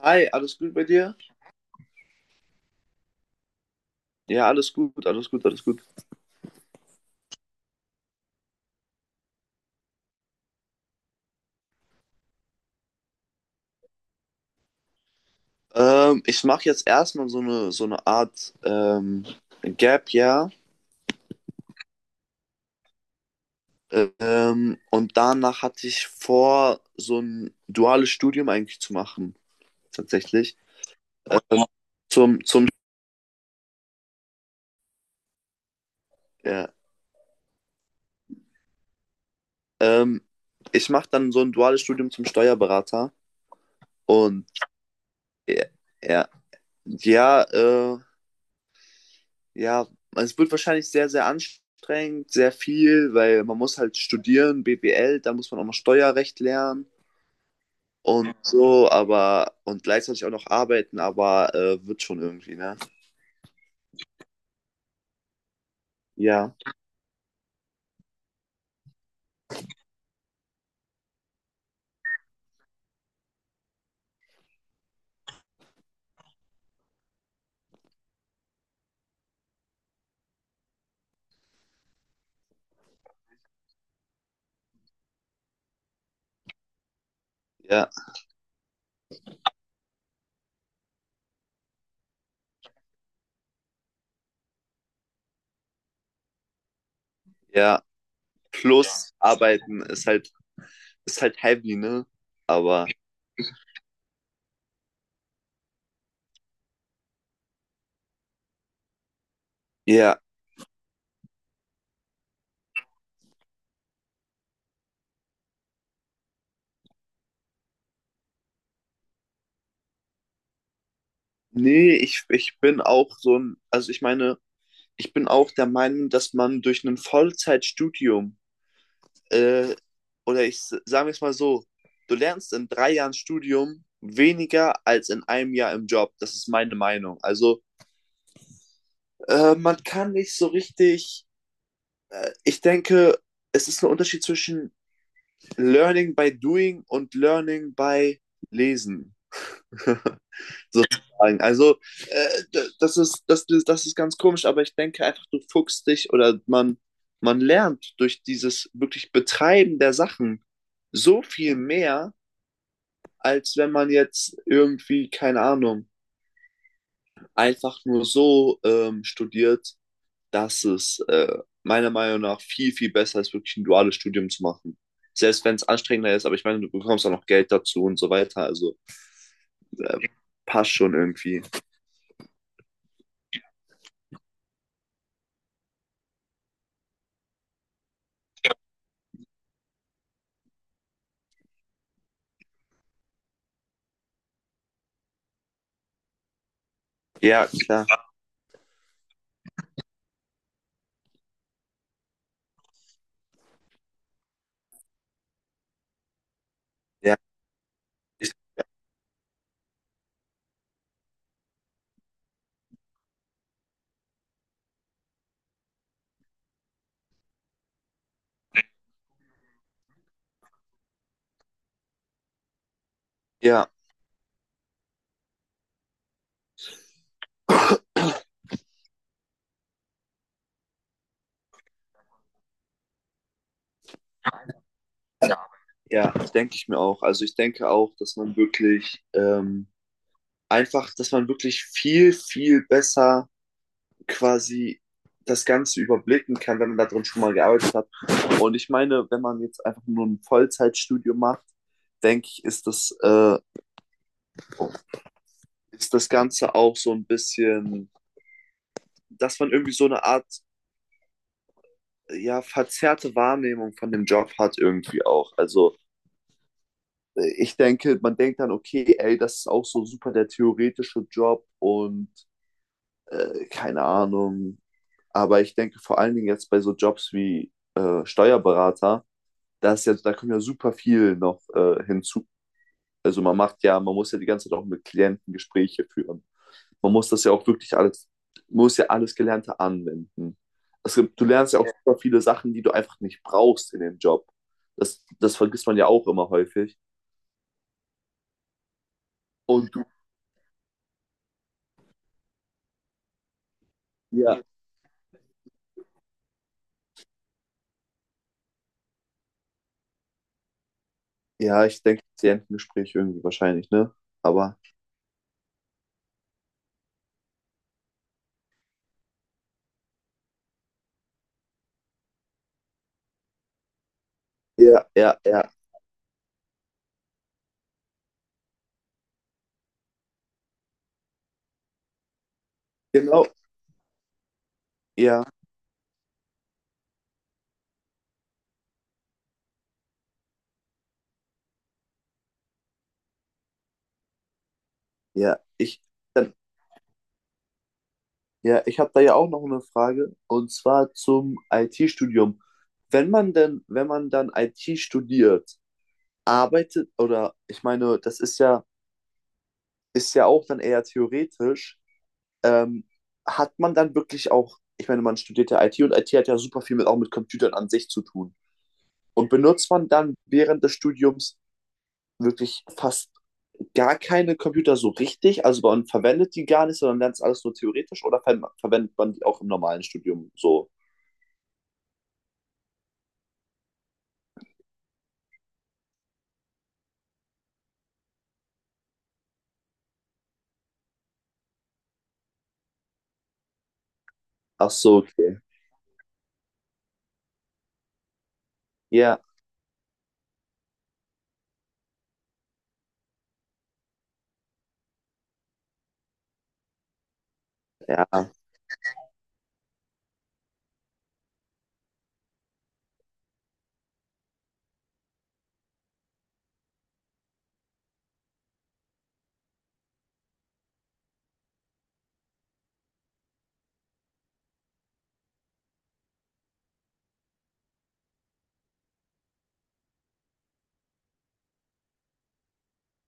Hi, alles gut bei dir? Ja, alles gut, alles gut, alles gut. Ich mache jetzt erstmal so eine Art Gap ja. Und danach hatte ich vor, so ein duales Studium eigentlich zu machen, tatsächlich. Ähm, zum, zum, ja, ähm, Ich mache dann so ein duales Studium zum Steuerberater. Und ja, ja, ja, äh, Ja, also es wird wahrscheinlich sehr, sehr anstrengend, sehr viel, weil man muss halt studieren, BWL, da muss man auch noch Steuerrecht lernen und so, aber und gleichzeitig auch noch arbeiten, aber wird schon irgendwie, ne? Ja, ja, ja. Plus arbeiten ist halt heavy, ne? Aber ja, nee, ich bin auch so ein, also ich meine, ich bin auch der Meinung, dass man durch ein Vollzeitstudium äh, oder ich sage es mal so, du lernst in drei Jahren Studium weniger als in einem Jahr im Job. Das ist meine Meinung. Also man kann nicht so richtig, ich denke, es ist ein Unterschied zwischen Learning by Doing und Learning by Lesen. Sozusagen. Also äh, das ist ganz komisch, aber ich denke einfach, du fuchst dich man lernt durch dieses wirklich Betreiben der Sachen so viel mehr, als wenn man jetzt irgendwie, keine Ahnung, einfach nur so studiert, dass es meiner Meinung nach viel, viel besser ist, wirklich ein duales Studium zu machen. Selbst wenn es anstrengender ist, aber ich meine, du bekommst auch noch Geld dazu und so weiter. Also äh, passt schon irgendwie. Ja, klar. Ja, ich, ja, ja, das denke ich mir auch. Also ich denke auch, dass man wirklich dass man wirklich viel, viel besser quasi das Ganze überblicken kann, wenn man da drin schon mal gearbeitet hat. Und ich meine, wenn man jetzt einfach nur ein Vollzeitstudium macht, denke ich, ist ist das Ganze auch so ein bisschen, dass man irgendwie so eine Art, ja, verzerrte Wahrnehmung von dem Job hat irgendwie auch. Also ich denke, man denkt dann, okay, ey, das ist auch so super der theoretische Job und keine Ahnung. Aber ich denke vor allen Dingen jetzt bei so Jobs wie Steuerberater, das ist ja, da kommt ja super viel noch hinzu. Also man muss ja die ganze Zeit auch mit Klienten Gespräche führen. Man muss das ja auch wirklich muss ja alles Gelernte anwenden. Du lernst ja auch super viele Sachen, die du einfach nicht brauchst in dem Job. Das vergisst man ja auch immer häufig. Und du, ja, ja, ich denke, Klientengespräch irgendwie wahrscheinlich, ne? Aber ja, ja, ja, genau, ja, ja. Ja, ich habe da ja auch noch eine Frage und zwar zum IT-Studium. Wenn man dann IT studiert, arbeitet oder ich meine, das ist ja auch dann eher theoretisch, ähm, hat man dann wirklich auch, ich meine, man studiert ja IT und IT hat ja super viel mit, auch mit Computern an sich zu tun. Und benutzt man dann während des Studiums wirklich fast gar keine Computer so richtig? Also man verwendet die gar nicht, sondern lernt es alles nur theoretisch oder verwendet man die auch im normalen Studium so? Ach so, okay. Ja, ja,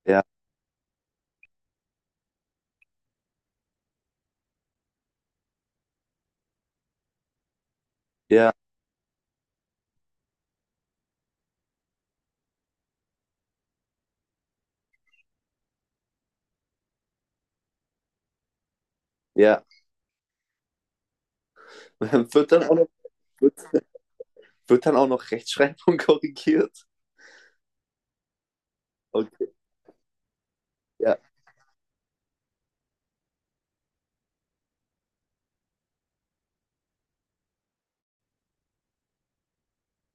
ja, ja, ja. Wird dann auch noch, wird, wird dann auch noch Rechtschreibung korrigiert? Okay, ja,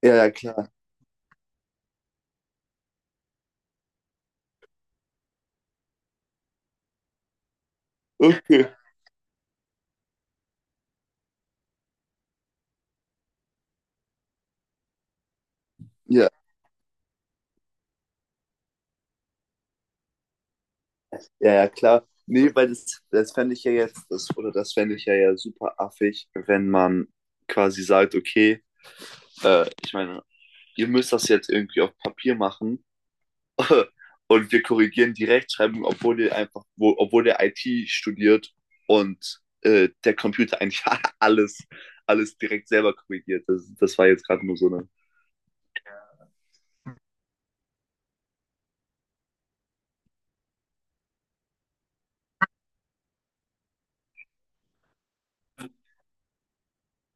ja, ja, klar. Ja, ja, ja, klar. Nee, weil das fände ich ja jetzt, oder das fände ich ja, ja super affig, wenn man quasi sagt, okay, ich meine, ihr müsst das jetzt irgendwie auf Papier machen. Und wir korrigieren die Rechtschreibung, obwohl der obwohl der IT studiert und der Computer eigentlich alles, alles direkt selber korrigiert. Das war jetzt gerade nur so eine.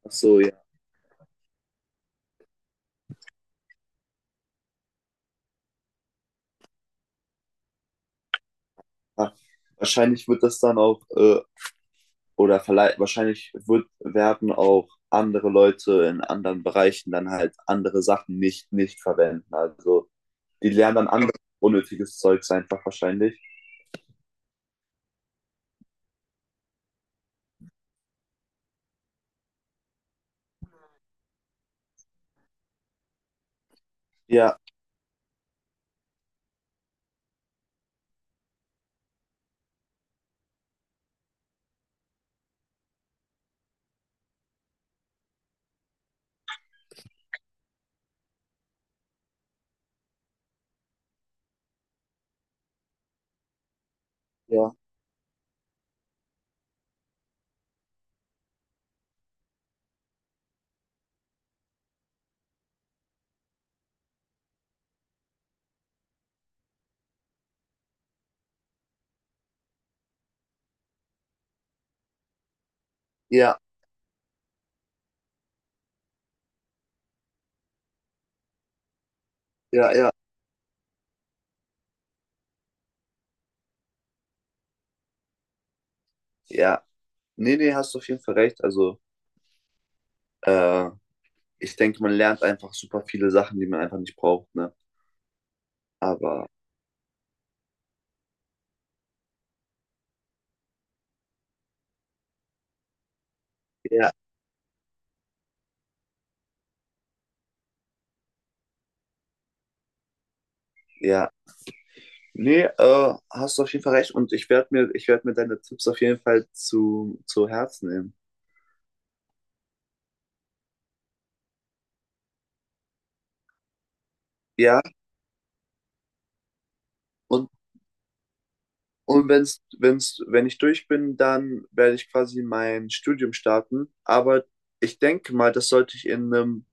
Ach so, ja. Ah, wahrscheinlich wird das dann auch, wahrscheinlich werden auch andere Leute in anderen Bereichen dann halt andere Sachen nicht verwenden. Also die lernen dann anderes unnötiges Zeugs einfach wahrscheinlich. Ja, ja, ja, ja, ja, ja. Nee, nee, hast du auf jeden Fall recht. Also, äh, ich denke, man lernt einfach super viele Sachen, die man einfach nicht braucht, ne? Aber ja, ja. Nee, hast du auf jeden Fall recht. Und ich werde mir deine Tipps auf jeden Fall zu Herzen nehmen. Ja, und, und wenn ich durch bin, dann werde ich quasi mein Studium starten. Aber ich denke mal, das sollte ich in einem,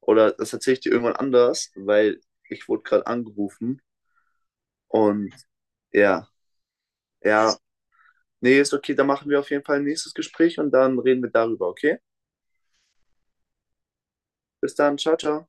oder das erzähle ich dir irgendwann anders, weil ich wurde gerade angerufen. Und ja, ja. Nee, ist okay, dann machen wir auf jeden Fall ein nächstes Gespräch und dann reden wir darüber, okay? Bis dann, ciao, ciao.